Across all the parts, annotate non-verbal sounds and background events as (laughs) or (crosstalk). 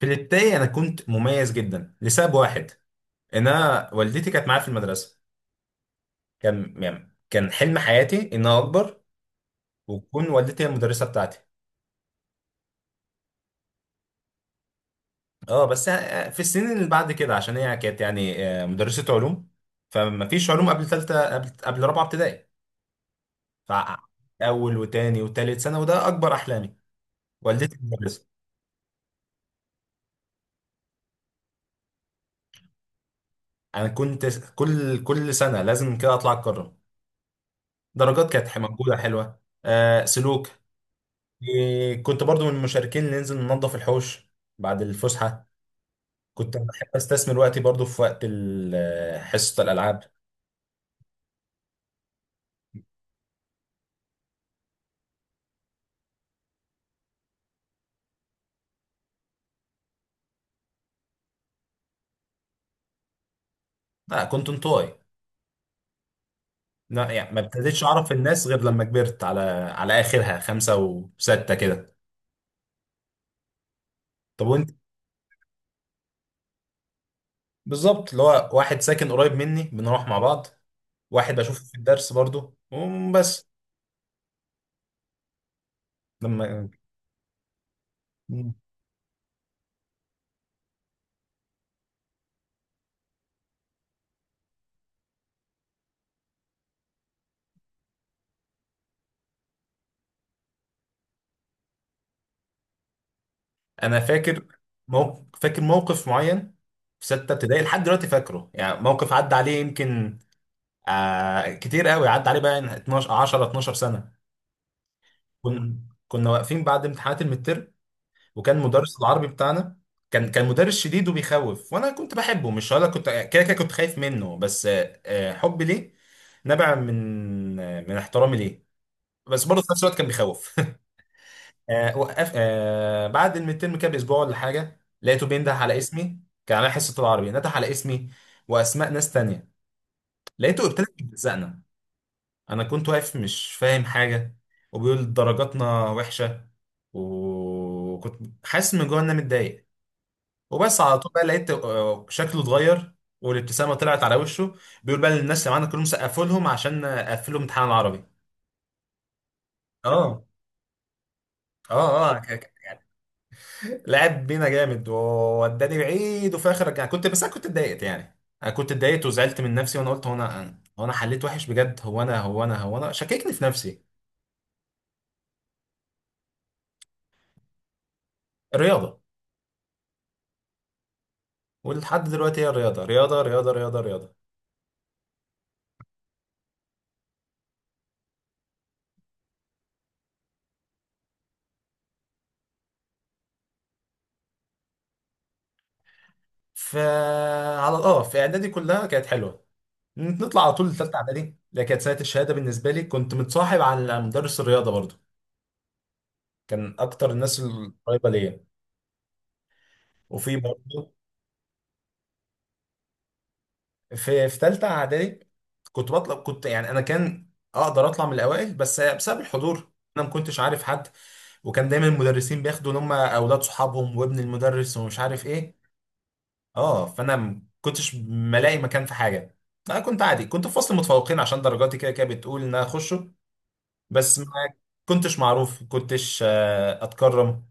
في الابتدائي انا كنت مميز جدا لسبب واحد، ان انا والدتي كانت معايا في المدرسه. كان يعني كان حلم حياتي ان انا اكبر وتكون والدتي هي المدرسه بتاعتي. اه، بس في السنين اللي بعد كده عشان هي كانت يعني مدرسه علوم، فما فيش علوم قبل ثالثه قبل رابعه ابتدائي. ف اول وتاني وتالت سنه، وده اكبر احلامي، والدتي مدرسه. انا كنت كل سنه لازم كده اطلع اتكرم، درجات كانت موجوده حلوه، سلوك. كنت برضو من المشاركين اللي ننزل ننظف الحوش بعد الفسحة. كنت بحب استثمر وقتي برضو في وقت حصة الألعاب. لا، كنت انطوي. لا يعني ما ابتديتش أعرف الناس غير لما كبرت، على آخرها خمسة وستة كده. طب وأنت؟ بالظبط، اللي هو واحد ساكن قريب مني بنروح مع بعض، واحد بشوفه في الدرس برضو وبس. لما أنا فاكر موقف معين في ستة ابتدائي، لحد دلوقتي فاكره، يعني موقف عدى عليه يمكن كتير قوي، عدى عليه بقى 12 10 12 سنه. كنا مم. كنا واقفين بعد امتحانات المتر، وكان مدرس العربي بتاعنا، كان مدرس شديد وبيخوف، وانا كنت بحبه، مش هقول لك كنت كده كده كنت خايف منه، بس حبي ليه نبع من احترامي ليه، بس برضه في نفس الوقت كان بيخوف. (laughs) وقف بعد المترم كده باسبوع ولا حاجه، لقيته بينده على اسمي، كان على حصه العربي نده على اسمي واسماء ناس تانية، لقيته ابتدى يلزقنا، انا كنت واقف مش فاهم حاجه وبيقول درجاتنا وحشه، وكنت حاسس من جوه ان انا متضايق، وبس على طول بقى لقيت شكله اتغير والابتسامه طلعت على وشه، بيقول بقى للناس اللي معانا كلهم سقفوا لهم عشان قفلوا امتحان العربي. اه، اه، اه، لعب بينا جامد ووداني بعيد وفي الاخر رجع، كنت، بس انا كنت اتضايقت، يعني انا كنت اتضايقت وزعلت من نفسي، وانا قلت هو انا هو انا حليت وحش بجد، هو انا هو انا هو انا شككني في نفسي. الرياضه. ولحد دلوقتي هي رياضة رياضة رياضة رياضة رياضة. فعلى اه في اعدادي كلها كانت حلوة، نطلع على طول لثالثة اعدادي اللي كانت سنة الشهادة بالنسبة لي، كنت متصاحب على مدرس الرياضة برضو، كان اكتر الناس القريبة ليا. وفي برضو، في ثالثة اعدادي كنت بطلع، كنت يعني انا كان اقدر اطلع من الاوائل، بس بسبب الحضور انا ما كنتش عارف حد، وكان دايما المدرسين بياخدوا ان هم اولاد صحابهم وابن المدرس ومش عارف ايه. اه، فانا ما كنتش ملاقي مكان في حاجه، انا كنت عادي كنت في فصل متفوقين عشان درجاتي كده كده بتقول ان انا اخشه، بس ما كنتش معروف، كنتش اتكرم.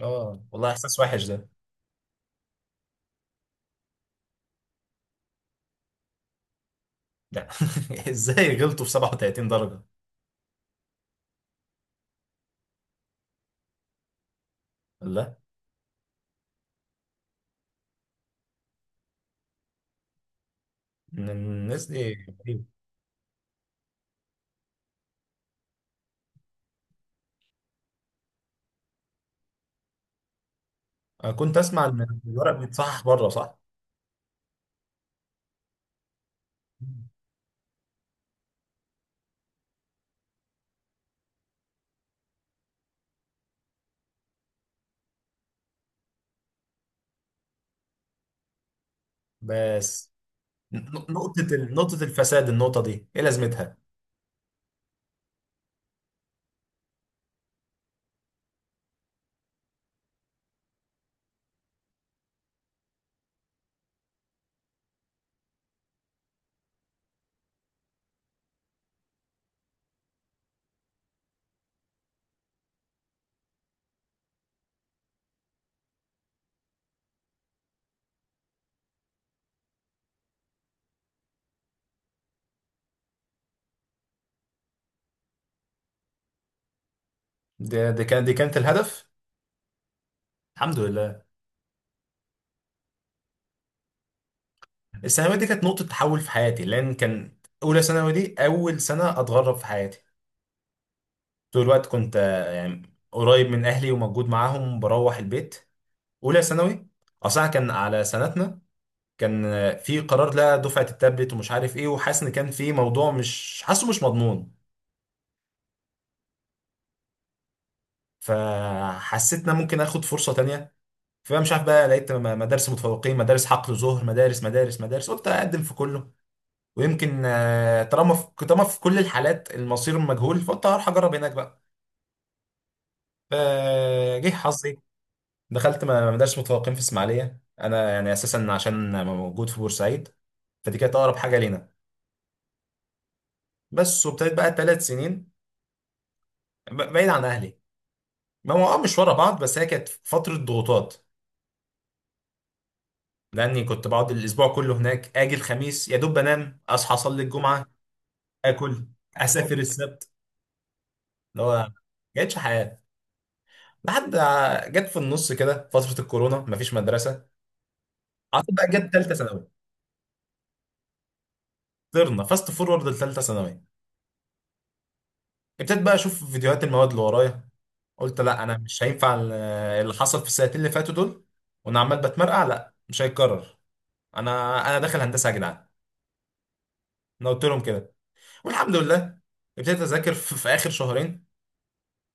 اه والله، احساس وحش ده. لا، (laughs) ازاي غلطوا في 37 درجه؟ لا، إن الناس دي غريبة. انا كنت اسمع ان الورق بيتصحح بره، صح؟ بس نقطه نقطه الفساد، النقطه دي ايه لازمتها؟ دي كانت الهدف. الحمد لله. الثانوية دي كانت نقطة تحول في حياتي، لأن كان أولى ثانوي دي أول سنة أتغرب في حياتي، طول الوقت كنت يعني قريب من أهلي وموجود معاهم بروح البيت. أولى ثانوي أصلا كان على سنتنا، كان في قرار لا دفعة التابلت ومش عارف إيه، وحاسس إن كان في موضوع مش حاسه مش مضمون. فحسيت إن أنا ممكن آخد فرصة تانية، فمش عارف بقى، لقيت مدارس متفوقين مدارس حقل ظهر مدارس مدارس مدارس، قلت أقدم في كله، ويمكن طالما في كل الحالات المصير مجهول، فقلت هروح اجرب هناك بقى، فجه حظي. دخلت ما مدارس متفوقين في اسماعيليه، انا يعني اساسا عشان موجود في بورسعيد، فدي كانت اقرب حاجه لينا. بس، وابتديت بقى 3 سنين بعيد عن اهلي. ما هو مش ورا بعض، بس هي كانت فتره ضغوطات، لاني كنت بقعد الاسبوع كله هناك، اجي الخميس يا دوب بنام اصحى اصلي الجمعه اكل، اسافر السبت، اللي هو ما كانتش حياه. لحد جت في النص كده فترة الكورونا، مفيش مدرسة، قعدت بقى، جت تالتة ثانوي. طرنا فاست فورورد لتالتة ثانوي. ابتديت بقى أشوف فيديوهات المواد اللي ورايا، قلت لا أنا مش هينفع اللي حصل في السنتين اللي فاتوا دول وأنا عمال بتمرقع، لا مش هيتكرر. أنا أنا داخل هندسة يا جدعان، أنا قلت لهم كده، والحمد لله. ابتديت أذاكر في آخر شهرين،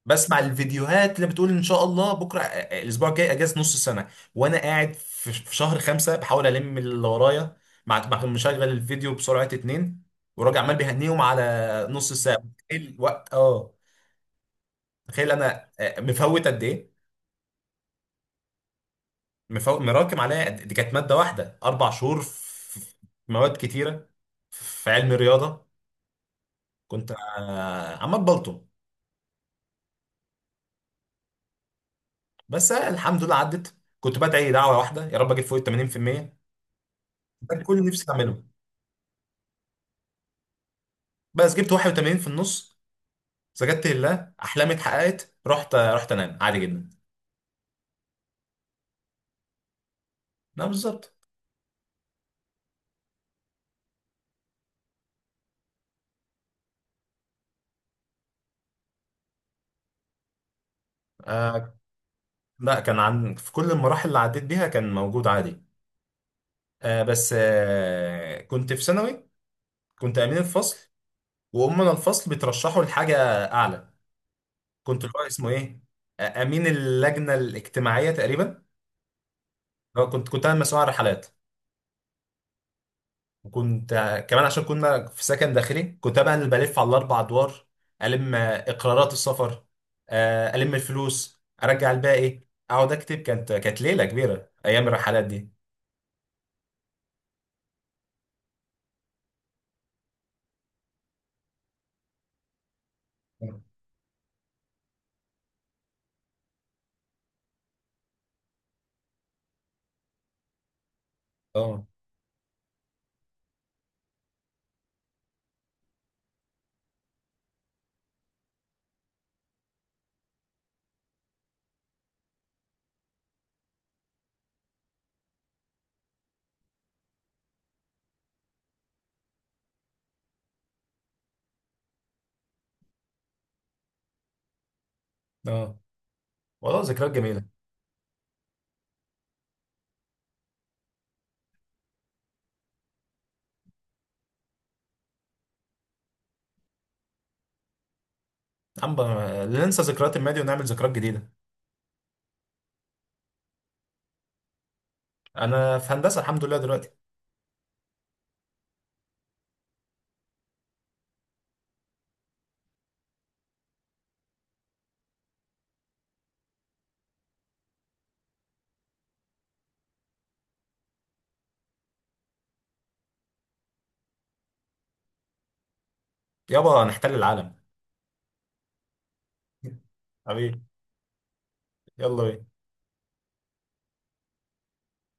بسمع الفيديوهات اللي بتقول ان شاء الله بكره الاسبوع الجاي اجازه نص السنه، وانا قاعد في شهر خمسه بحاول الم اللي ورايا، مع مشغل الفيديو بسرعه اتنين، وراجع عمال بيهنيهم على نص ساعه. تخيل الوقت، اه، تخيل انا مفوت قد ايه، مفوت مراكم عليا دي كانت ماده واحده 4 شهور، في في مواد كتيره، في علم الرياضه كنت عمال بلطم. بس الحمد لله عدت، كنت بدعي دعوه واحده، يا رب اجيب فوق ال 80%، ده كل اللي نفسي اعمله. بس جبت 81 في النص، سجدت لله، احلامي اتحققت، رحت، رحت انام عادي جدا. لا، بالظبط. آه لا، كان عن في كل المراحل اللي عديت بيها كان موجود عادي. بس كنت في ثانوي كنت امين الفصل، وامنا الفصل بيترشحوا لحاجه اعلى، كنت اللي هو اسمه ايه، امين اللجنه الاجتماعيه تقريبا. كنت انا مسؤول عن الرحلات، وكنت كمان عشان كنا في سكن داخلي كنت بقى انا اللي بلف على الاربع ادوار، الم اقرارات السفر، الم الفلوس ارجع الباقي، اقعد اكتب، كانت ليله كبيره ايام الرحلات دي. اه، اه، والله ذكريات جميله. لا ننسى ذكريات الماضي ونعمل ذكريات جديده. انا في هندسه الحمد لله دلوقتي. يابا نحتل العالم، حبيبي، يلا بينا.